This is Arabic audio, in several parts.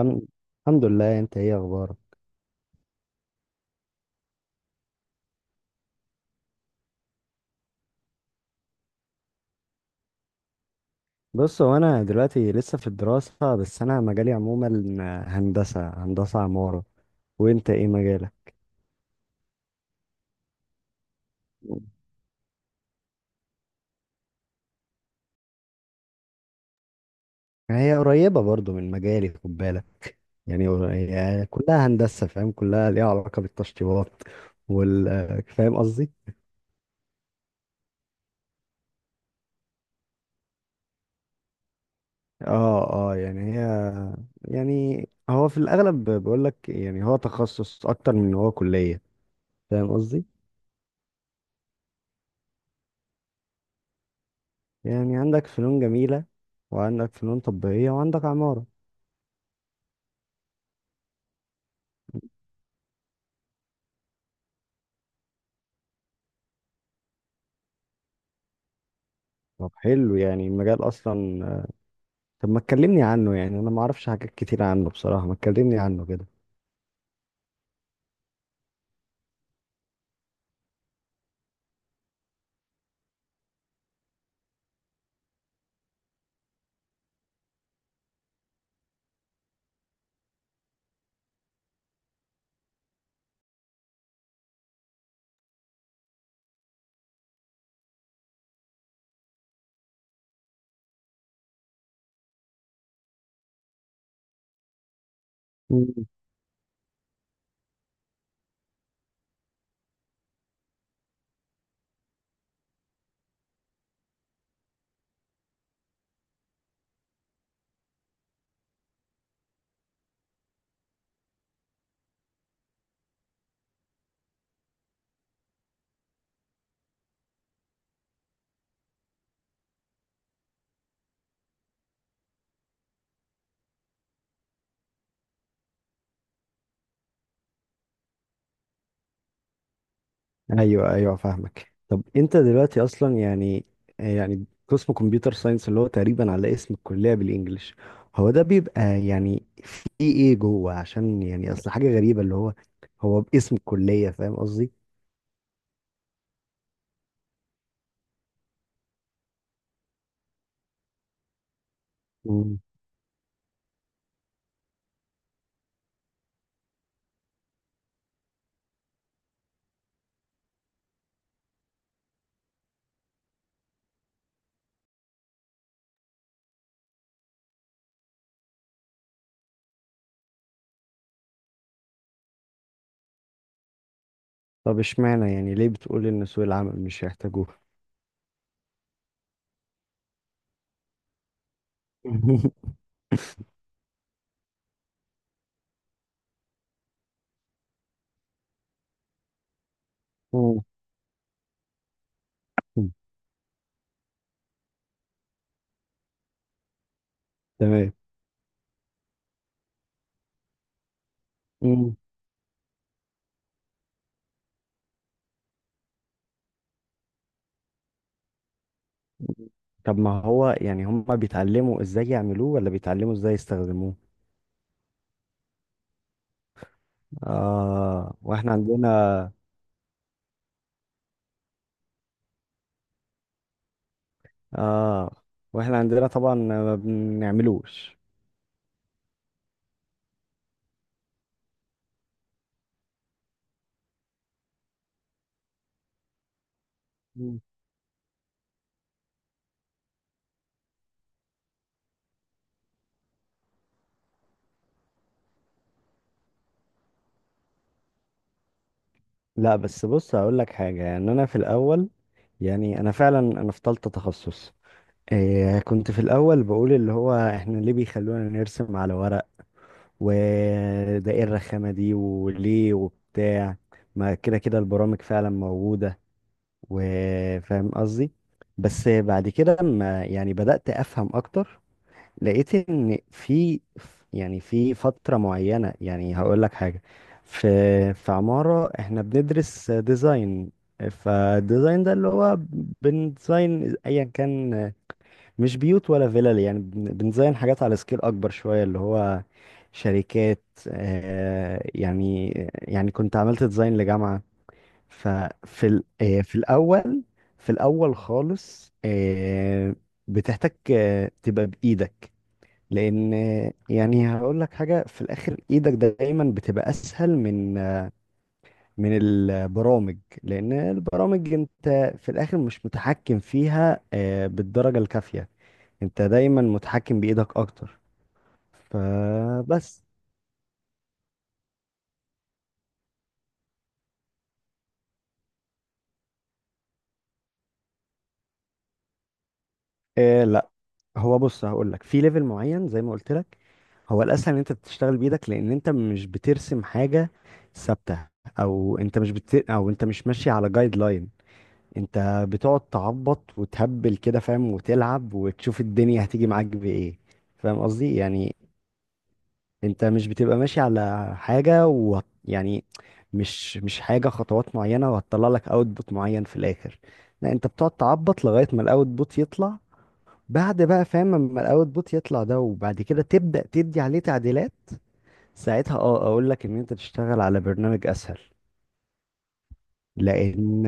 الحمد الحمد لله، انت ايه اخبارك؟ بص، هو انا دلوقتي لسه في الدراسة، بس انا مجالي عموما هندسة عمارة. وانت ايه مجالك؟ هي قريبة برضو من مجالي، خد بالك. يعني هي كلها هندسة، فاهم؟ كلها ليها علاقة بالتشطيبات وال فاهم قصدي؟ اه، اه، يعني هي، يعني هو في الاغلب بقول لك، يعني هو تخصص اكتر من إن هو كلية. فاهم قصدي؟ يعني عندك فنون جميلة، وعندك فنون تطبيقية، وعندك عمارة. طب حلو، يعني المجال اصلا، طب ما تكلمني عنه. يعني انا ما اعرفش حاجات كتير عنه بصراحة، ما تكلمني عنه كده. مم. ايوه، ايوه، فاهمك. طب انت دلوقتي اصلا، يعني قسم كمبيوتر ساينس اللي هو تقريبا على اسم الكلية بالانجلش، هو ده بيبقى يعني في ايه جوه؟ عشان يعني اصل حاجة غريبة، اللي هو باسم الكلية، فاهم قصدي؟ مم. طب اشمعنى؟ يعني ليه بتقول ان سوق العمل مش هيحتاجوه؟ مم. تمام. مم. طب ما هو يعني هم بيتعلموا ازاي يعملوه، ولا بيتعلموا ازاي يستخدموه؟ اه واحنا عندنا اه، واحنا عندنا طبعا ما بنعملوش. مم. لا، بس بص هقول لك حاجه، يعني انا في الاول، يعني انا فعلا، انا في تالتة تخصص. إيه، كنت في الاول بقول اللي هو احنا ليه بيخلونا نرسم على ورق، وده ايه الرخامه دي وليه وبتاع؟ ما كده كده البرامج فعلا موجوده، وفاهم قصدي. بس بعد كده لما يعني بدأت أفهم أكتر، لقيت إن يعني في فترة معينة، يعني هقول لك حاجة. في في عمارة إحنا بندرس ديزاين، فالديزاين ده اللي هو بنديزاين أيا كان، مش بيوت ولا فيلل، يعني بنديزاين حاجات على سكيل أكبر شوية، اللي هو شركات. يعني كنت عملت ديزاين لجامعة. ففي ال- آه، في الاول في الاول خالص. بتحتاج تبقى بايدك، لان يعني هقول لك حاجه في الاخر، ايدك دايما بتبقى اسهل من البرامج. لان البرامج انت في الاخر مش متحكم فيها بالدرجه الكافيه، انت دايما متحكم بايدك اكتر. فبس. لا، هو بص هقول لك، في ليفل معين زي ما قلت لك هو الاسهل ان انت تشتغل بايدك، لان انت مش بترسم حاجه ثابته. او انت مش ماشي على جايد لاين، انت بتقعد تعبط وتهبل كده، فاهم؟ وتلعب وتشوف الدنيا هتيجي معاك بايه. فاهم قصدي؟ يعني انت مش بتبقى ماشي على حاجه، يعني مش حاجه خطوات معينه، وهتطلع لك اوتبوت معين في الاخر. لا، انت بتقعد تعبط لغايه ما الاوتبوت يطلع، بعد بقى، فاهم؟ اما الاوتبوت يطلع ده، وبعد كده تبدأ تدي عليه تعديلات. ساعتها اه اقول لك ان انت تشتغل على برنامج اسهل. لان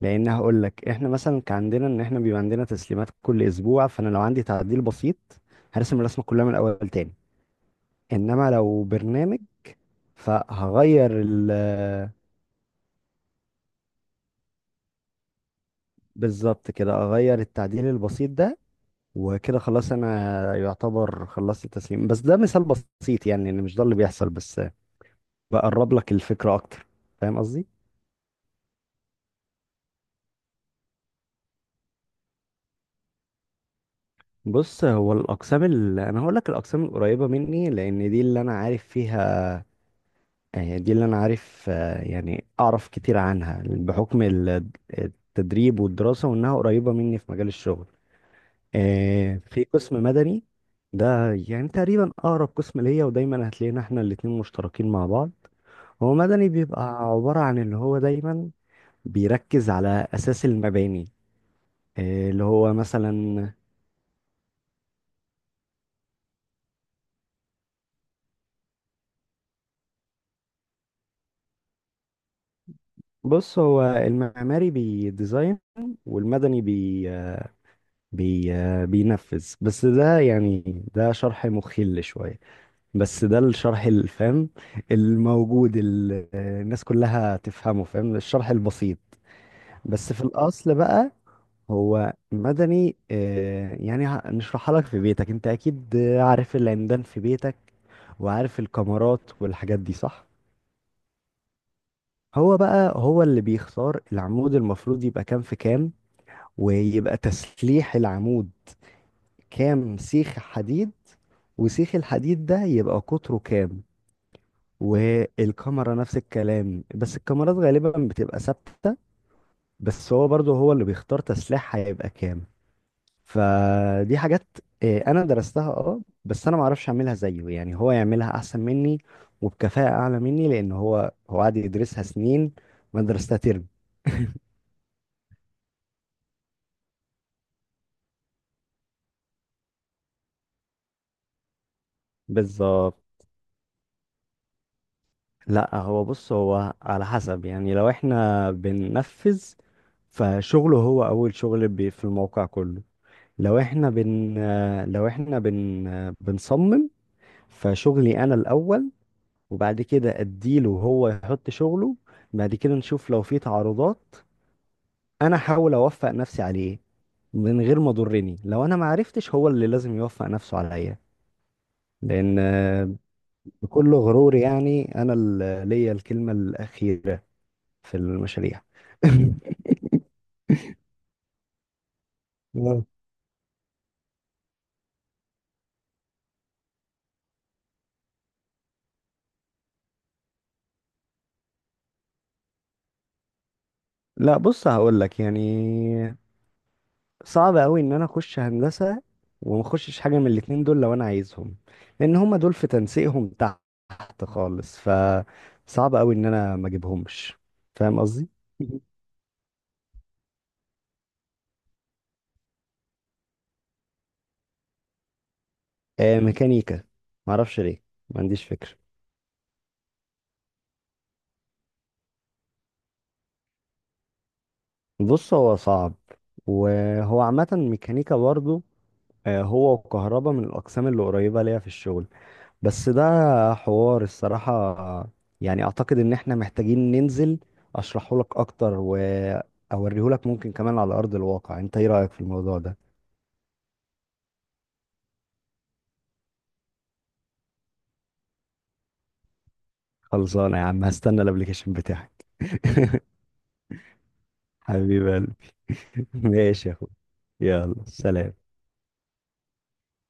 لان هقول لك، احنا مثلا كان عندنا ان احنا بيبقى عندنا تسليمات كل اسبوع. فانا لو عندي تعديل بسيط هرسم الرسمه كلها من الاول تاني، انما لو برنامج فهغير ال بالظبط كده اغير التعديل البسيط ده، وكده خلاص انا يعتبر خلصت التسليم. بس ده مثال بسيط، يعني ان مش ده اللي بيحصل بس، بقرب لك الفكره اكتر، فاهم قصدي؟ بص هو الاقسام اللي انا هقول لك، الاقسام القريبه مني، لان دي اللي انا عارف فيها. يعني دي اللي انا عارف، يعني اعرف كتير عنها بحكم التدريب والدراسه، وانها قريبه مني في مجال الشغل. في قسم مدني، ده يعني تقريبا اقرب قسم ليا، ودايما هتلاقينا احنا الاتنين مشتركين مع بعض. هو مدني بيبقى عباره عن اللي هو دايما بيركز على اساس المباني. اللي هو مثلا، بص هو المعماري بيديزاين، والمدني بي بي بينفذ. بس ده يعني ده شرح مخل شوية، بس ده الشرح الفهم الموجود، الناس كلها تفهمه، فاهم؟ الشرح البسيط. بس في الأصل بقى، هو مدني، يعني نشرحها لك في بيتك. انت اكيد عارف العمدان في بيتك، وعارف الكمرات والحاجات دي، صح؟ هو بقى هو اللي بيختار العمود المفروض يبقى كام في كام، ويبقى تسليح العمود كام سيخ حديد، وسيخ الحديد ده يبقى قطره كام. والكاميرا نفس الكلام، بس الكاميرات غالبا بتبقى ثابتة، بس هو برضو هو اللي بيختار تسليحها هيبقى كام. فدي حاجات انا درستها، اه، بس انا معرفش اعملها زيه، يعني هو يعملها احسن مني وبكفاءة اعلى مني، لان هو قعد يدرسها سنين، وانا درستها ترم. بالظبط. لا هو بص، هو على حسب يعني، لو احنا بننفذ فشغله هو اول شغل في الموقع كله. لو احنا بن آه، لو احنا بن آه، بنصمم، فشغلي انا الاول، وبعد كده اديله هو يحط شغله، بعد كده نشوف لو في تعارضات، انا احاول اوفق نفسي عليه، من غير ما ضرني. لو انا ما عرفتش هو اللي لازم يوفق نفسه عليا، لان بكل غرور، يعني انا اللي ليا الكلمة الأخيرة في المشاريع. مم. لا بص هقول لك، يعني صعب قوي ان انا اخش هندسه وما اخشش حاجه من الاتنين دول، لو انا عايزهم. لان هما دول في تنسيقهم تحت خالص، صعب قوي ان انا ما اجيبهمش، فاهم قصدي؟ آه، ميكانيكا. ما اعرفش ليه، ما عنديش فكره. بص هو صعب، وهو عامه ميكانيكا برضه، آه، هو وكهرباء من الاقسام اللي قريبه ليا في الشغل. بس ده حوار الصراحة، يعني اعتقد ان احنا محتاجين ننزل اشرحه لك اكتر، واوريه لك ممكن كمان على ارض الواقع. انت ايه رأيك في الموضوع ده؟ خلصانة يا عم، هستنى الابليكيشن بتاعك. حبيب قلبي. ماشي يا اخوي. يلا، سلام.